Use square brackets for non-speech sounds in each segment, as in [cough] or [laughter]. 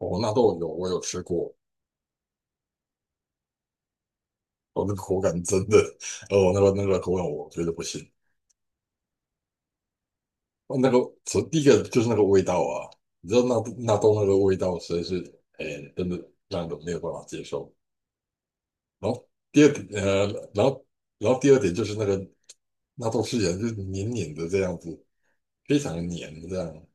哦，纳豆我有吃过。哦，那个口感真的，哦，那个口感我觉得不行。哦，那个第一个就是那个味道啊。你知道纳豆那个味道实在是，哎，真的让人没有办法接受。然后第二点，然后然后第二点就是那个纳豆吃起来就是黏黏的这样子，非常的黏这样。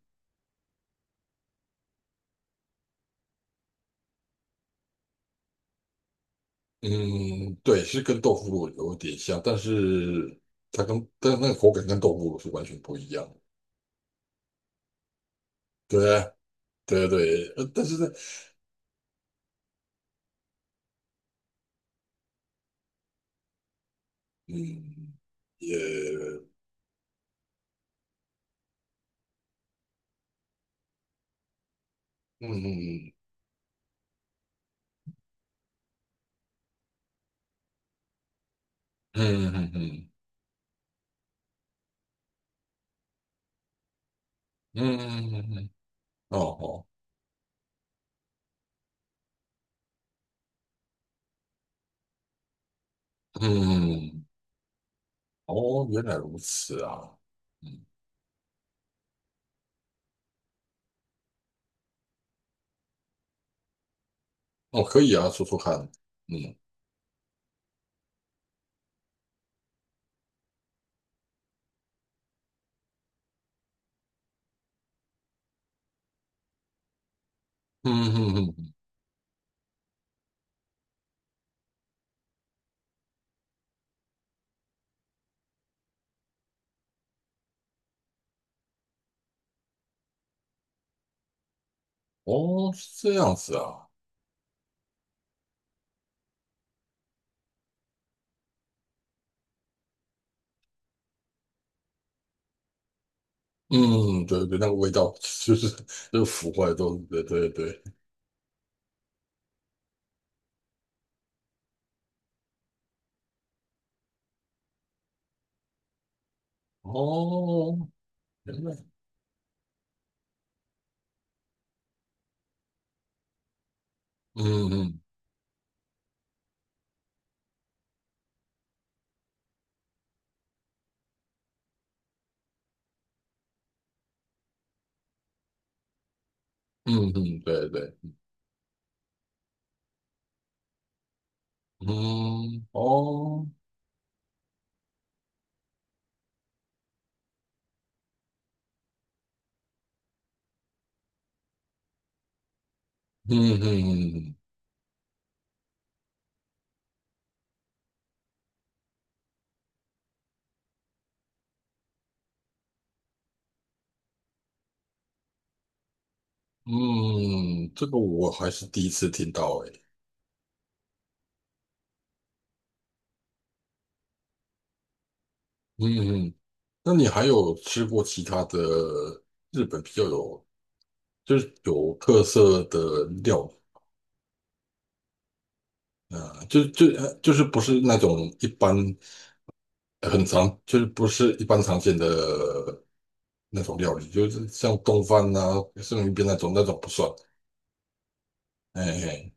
嗯，对，是跟豆腐乳有点像，但是但是那个口感跟豆腐乳是完全不一样的。对啊。对对对，但是呢，嗯，也，嗯嗯嗯嗯嗯嗯，嗯，哦哦，嗯，哦，原来如此啊。嗯，哦，可以啊，说说看。嗯嗯嗯嗯，哦，是这样子啊。嗯，对对，那个味道就是腐坏都，对对对。哦，原来，嗯嗯嗯嗯，对对，嗯，哦，嗯嗯嗯嗯，嗯，这个我还是第一次听到，诶。嗯嗯，嗯，那你还有吃过其他的日本比较有有特色的料理啊？就是不是那种一般很常不是一般常见的那种料理，就是像冻饭呐、生鱼片那种不算。哎，哎，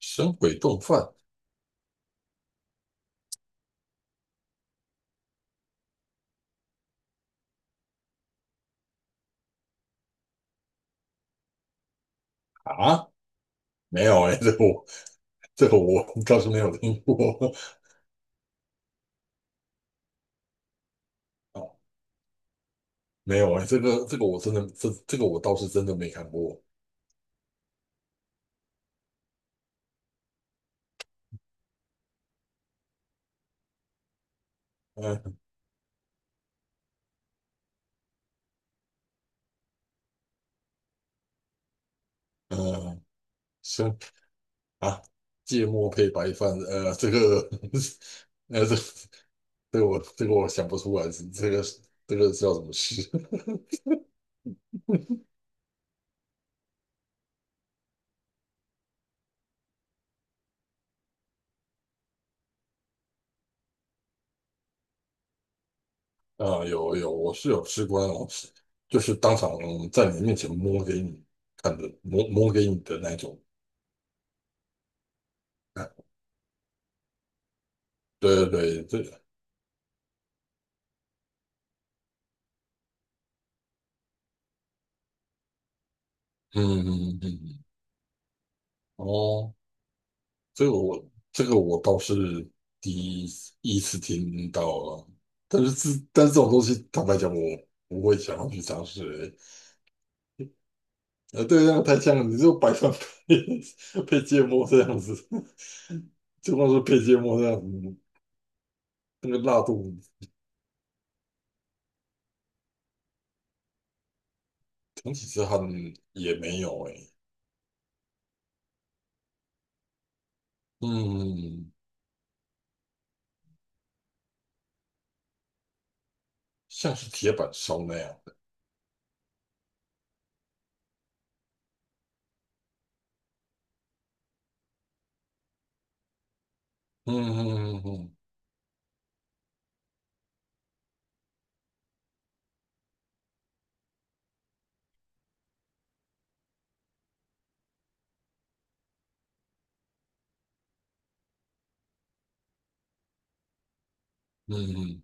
神鬼冻饭啊？没有哎、这个我倒是没有听过。啊，没有哎、这个我真的这个我倒是真的没看过。嗯嗯，啊，芥末配白饭，这个，[laughs] 呃，这这个我想不出来，这个叫什么吃？[laughs] 啊，有，我是有吃过那种，就是当场在你面前摸给你看的，摸摸给你的那种。啊，对对对，嗯嗯嗯嗯，哦，这个我倒是第一次听到了。但是但是这种东西，坦白讲，我不会想要去尝试欸。对，那样太像了，你就白饭配 [laughs] 配芥末这样子，[laughs] 就光是配芥末这样子。那个辣度整体之汗也没有诶、嗯，像是铁板烧那样的，嗯嗯嗯嗯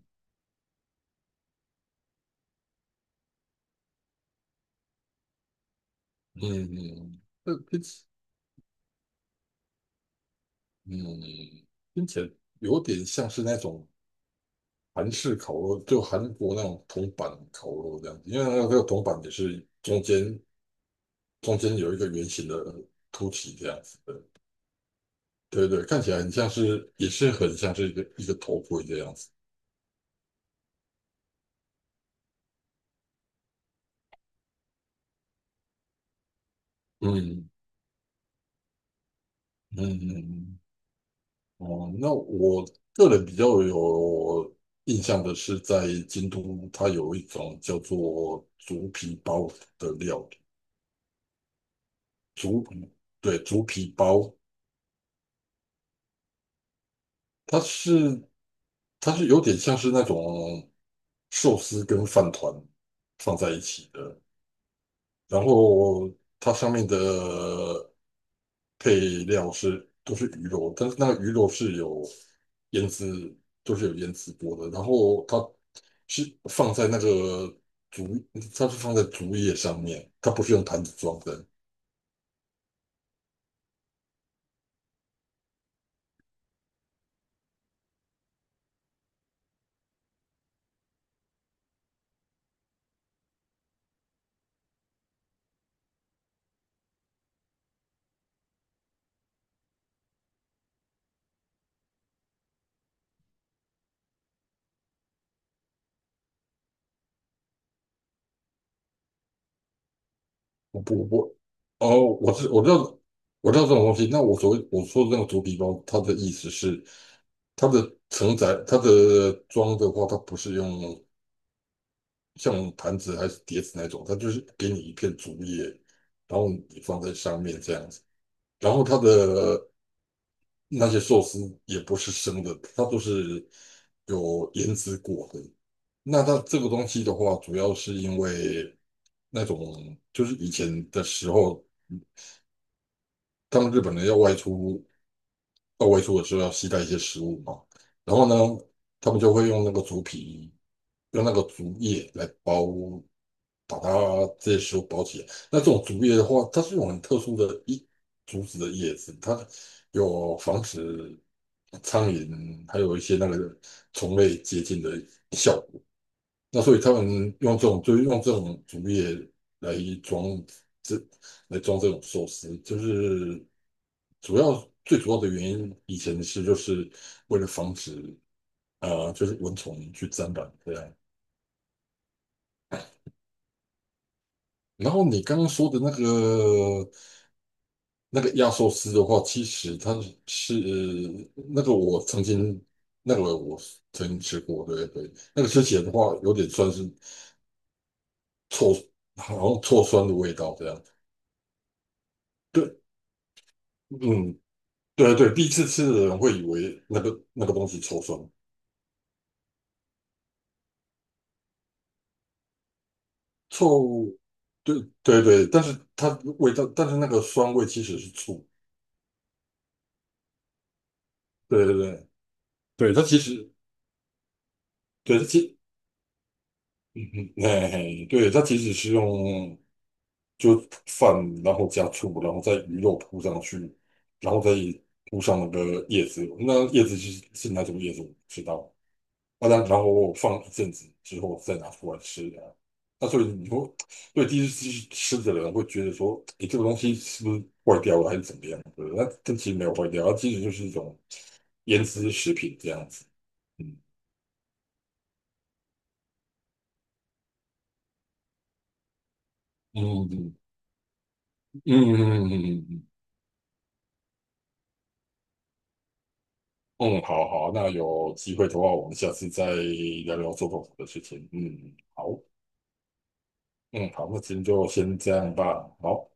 嗯嗯，那听起，嗯，听起来有点像是那种韩式烤肉，就韩国那种铜板烤肉这样子，因为那个铜板也是中间有一个圆形的凸起这样子。对对，看起来很像是，也是很像是一个头盔这样子。嗯嗯嗯嗯，哦，那我个人比较有印象的是，在京都，它有一种叫做竹皮包的料理，竹对，竹皮包。它是它是有点像是那种寿司跟饭团放在一起的。然后它上面的配料都是鱼肉，但是那个鱼肉是有腌制，都是有腌制过的。然后它是放在那个竹，它是放在竹叶上面，它不是用坛子装的。我不我，哦，我知道这种东西。那我我说的那个竹皮包，它的意思是它的装的话，它不是用。像盘子还是碟子那种，它就是给你一片竹叶，然后你放在上面这样子。然后它的那些寿司也不是生的，它都是有腌制过的。那它这个东西的话，主要是因为那种就是以前的时候，他们日本人要外出到外出的时候要携带一些食物嘛，然后呢，他们就会用那个竹皮，用那个竹叶来包。把它这些球包起来。那这种竹叶的话，它是一种很特殊的竹子的叶子，它有防止苍蝇还有一些那个虫类接近的效果。那所以他们用就是用这种竹叶来装这来装这种寿司，就是主要最主要的原因，以前是为了防止就是蚊虫去沾染这样。然后你刚刚说的那个压缩丝的话，其实是那个我曾经那个我曾经吃过。对对，那个吃起来的话有点酸是臭，好像臭酸的味道这样。对，嗯，对对，第一次吃的人会以为那个东西臭酸。臭，对对对，但是它味道，但是那个酸味其实是醋，对对对。对它其实对它其，嗯嗯，哎，对它其实是用。就饭，然后加醋，然后再鱼肉铺上去，然后再铺上那个叶子。那叶子是哪种叶子我不知道。啊，然后我放一阵子之后再拿出来吃的啊。那所以你说，对，第一次吃的人会觉得说，诶，这个东西是不是坏掉了还是怎么样的？那这其实没有坏掉，它其实就是一种腌制食品这样子。嗯嗯嗯嗯嗯嗯。嗯嗯嗯嗯嗯，好好，那有机会的话，我们下次再聊聊做豆腐的事情。嗯，好，嗯，好，那今天就先这样吧。好。